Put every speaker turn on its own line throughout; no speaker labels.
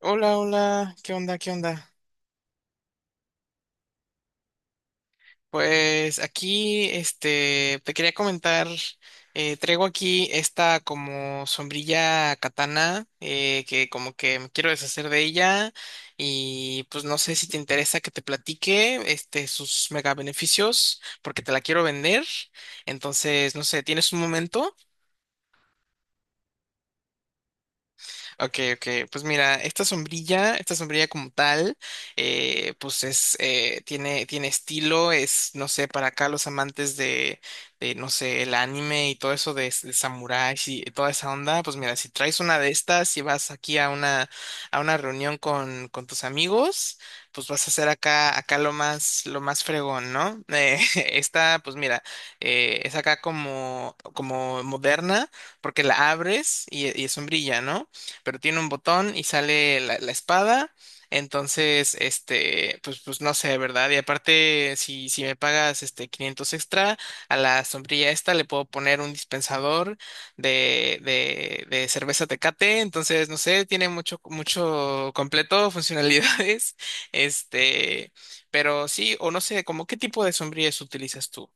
Hola, hola, ¿qué onda? ¿Qué onda? Pues aquí, te quería comentar, traigo aquí esta como sombrilla katana, que como que me quiero deshacer de ella y pues no sé si te interesa que te platique, sus mega beneficios, porque te la quiero vender, entonces, no sé, ¿tienes un momento? Ok, ok. Pues mira, esta sombrilla como tal, pues es, tiene estilo, es, no sé, para acá los amantes de, no sé, el anime y todo eso de samuráis y toda esa onda, pues mira, si traes una de estas y vas aquí a a una reunión con tus amigos, pues vas a hacer acá lo más fregón, ¿no? Esta, pues mira, es acá como moderna, porque la abres y es sombrilla, ¿no? Pero tiene un botón y sale la espada. Entonces, pues, pues no sé, ¿verdad? Y aparte, si me pagas este 500 extra, a la sombrilla esta le puedo poner un dispensador de cerveza Tecate. Entonces, no sé, tiene mucho, mucho completo, funcionalidades. Este, pero sí, o no sé, como qué tipo de sombrillas utilizas tú.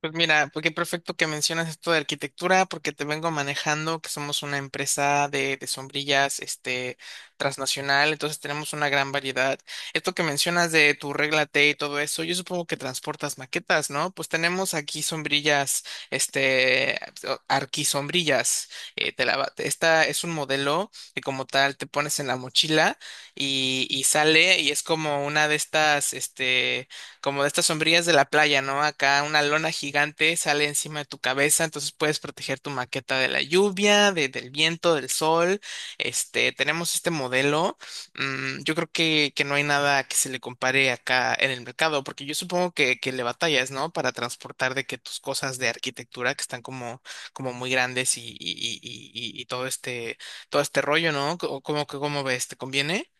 Pues mira, pues qué perfecto que mencionas esto de arquitectura, porque te vengo manejando que somos una empresa de sombrillas, transnacional, entonces tenemos una gran variedad. Esto que mencionas de tu regla T y todo eso, yo supongo que transportas maquetas, ¿no? Pues tenemos aquí sombrillas, este, arquisombrillas. Esta es un modelo que como tal te pones en la mochila y sale y es como una de estas, como de estas sombrillas de la playa, ¿no? Acá una lona gigante sale encima de tu cabeza, entonces puedes proteger tu maqueta de la lluvia, del viento, del sol. Este, tenemos este modelo. Yo creo que no hay nada que se le compare acá en el mercado, porque yo supongo que le batallas, ¿no? Para transportar de que tus cosas de arquitectura que están como muy grandes y todo todo este rollo, ¿no? Cómo ves? ¿Te conviene?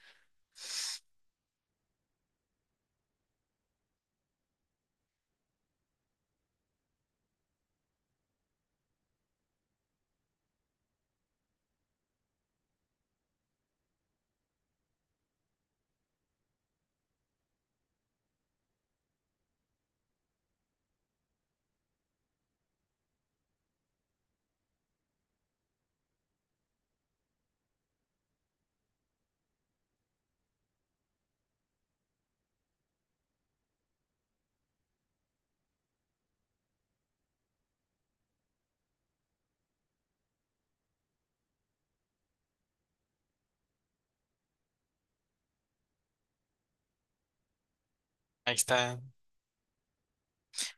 Ahí está.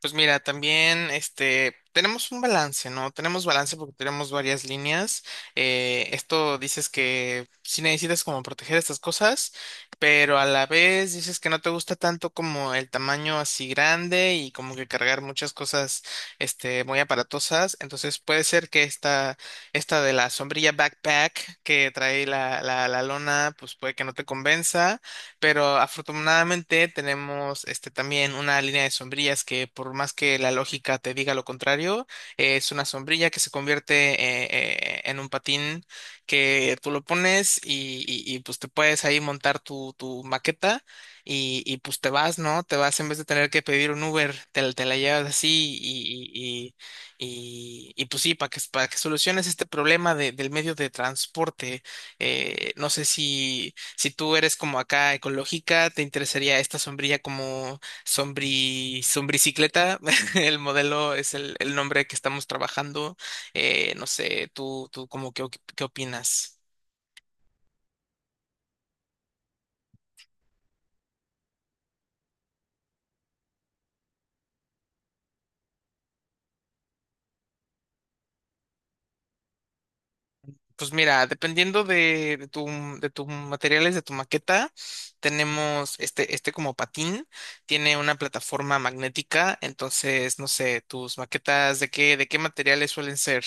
Pues mira, también este tenemos un balance, ¿no? Tenemos balance porque tenemos varias líneas. Esto dices que sí necesitas como proteger estas cosas, pero a la vez dices que no te gusta tanto como el tamaño así grande y como que cargar muchas cosas este muy aparatosas. Entonces puede ser esta de la sombrilla backpack que trae la lona, pues puede que no te convenza. Pero afortunadamente tenemos este también una línea de sombrillas que por más que la lógica te diga lo contrario, es una sombrilla que se convierte en un patín que tú lo pones y pues te puedes ahí montar tu maqueta y pues te vas, ¿no? Te vas en vez de tener que pedir un Uber, te la llevas así y pues sí, para que soluciones este problema del medio de transporte. No sé si... Si tú eres como acá ecológica, te interesaría esta sombrilla como sombricicleta. El modelo es el nombre que estamos trabajando. No sé, tú como qué opinas. Pues mira, dependiendo de tus materiales, de tu maqueta, tenemos este como patín, tiene una plataforma magnética, entonces, no sé, tus maquetas, de qué materiales suelen ser?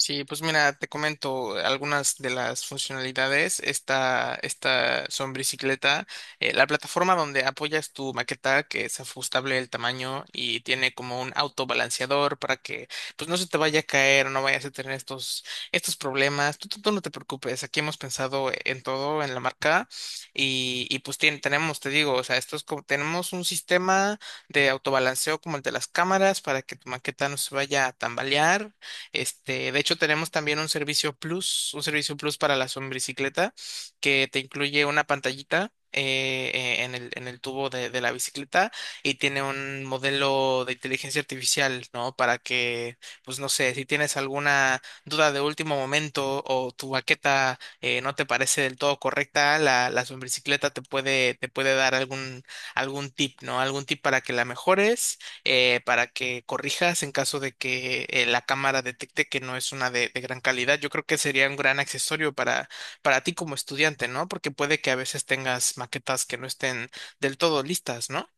Sí, pues mira, te comento algunas de las funcionalidades. Esta son bicicleta, la plataforma donde apoyas tu maqueta, que es ajustable el tamaño y tiene como un autobalanceador para que pues no se te vaya a caer, no vayas a tener estos problemas. Tú no te preocupes, aquí hemos pensado en todo, en la marca, y pues tenemos, te digo, o sea, esto es como, tenemos un sistema de autobalanceo como el de las cámaras para que tu maqueta no se vaya a tambalear. Este, de hecho, tenemos también un servicio plus para la sombricicleta, que te incluye una pantallita. En en el tubo de la bicicleta y tiene un modelo de inteligencia artificial, ¿no? Para que, pues no sé, si tienes alguna duda de último momento o tu baqueta no te parece del todo correcta, la sombricicleta te puede dar algún tip, ¿no? Algún tip para que la mejores para que corrijas en caso de que la cámara detecte que no es una de gran calidad. Yo creo que sería un gran accesorio para ti como estudiante, ¿no? Porque puede que a veces tengas maquetas que no estén del todo listas, ¿no?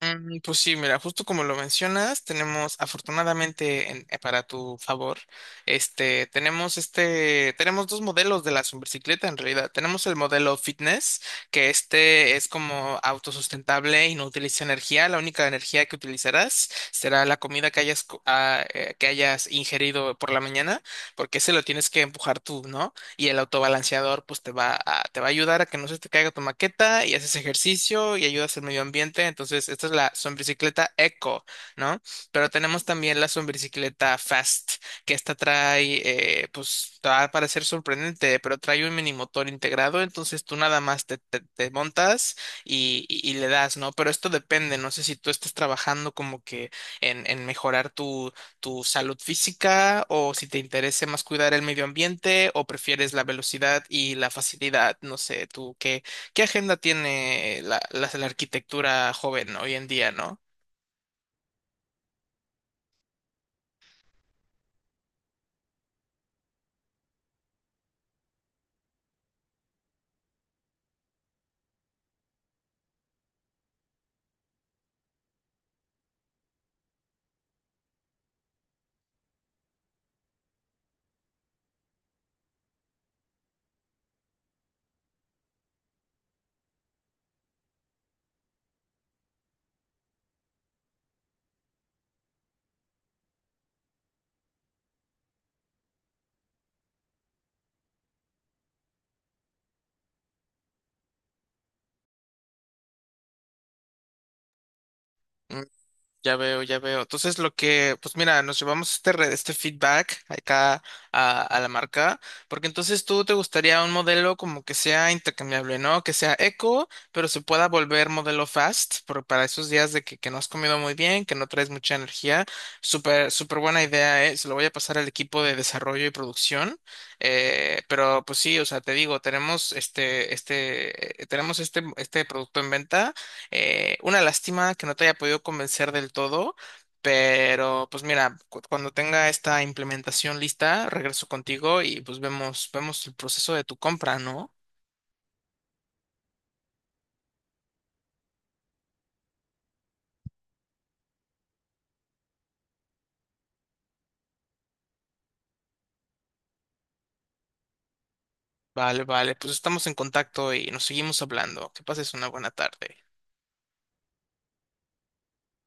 Pues sí, mira, justo como lo mencionas, tenemos afortunadamente para tu favor, tenemos dos modelos de la superbicicleta en realidad. Tenemos el modelo fitness, que este es como autosustentable y no utiliza energía. La única energía que utilizarás será la comida que hayas, que hayas ingerido por la mañana, porque ese lo tienes que empujar tú, ¿no? Y el autobalanceador pues te va a ayudar a que no se te caiga tu maqueta y haces ejercicio y ayudas al medio ambiente. Entonces, esta es la sombricicleta eco, ¿no? Pero tenemos también la sombricicleta fast, que esta trae, pues te va a parecer sorprendente, pero trae un mini motor integrado, entonces tú nada más te montas y le das, ¿no? Pero esto depende, no sé si tú estás trabajando como que en mejorar tu salud física o si te interesa más cuidar el medio ambiente o prefieres la velocidad y la facilidad. No sé, tú, ¿qué, qué agenda tiene la arquitectura joven hoy en día, ¿no? Ya veo, ya veo. Entonces, lo que, pues mira, nos llevamos este feedback acá a la marca, porque entonces tú te gustaría un modelo como que sea intercambiable, ¿no? Que sea eco, pero se pueda volver modelo fast, para esos días de que no has comido muy bien, que no traes mucha energía. Súper, súper buena idea, ¿eh? Se lo voy a pasar al equipo de desarrollo y producción. Pero pues sí, o sea, te digo, tenemos este producto en venta. Una lástima que no te haya podido convencer del todo, pero pues mira, cuando tenga esta implementación lista, regreso contigo y pues vemos, vemos el proceso de tu compra, ¿no? Vale, vale, pues estamos en contacto y nos seguimos hablando. Que pases una buena tarde.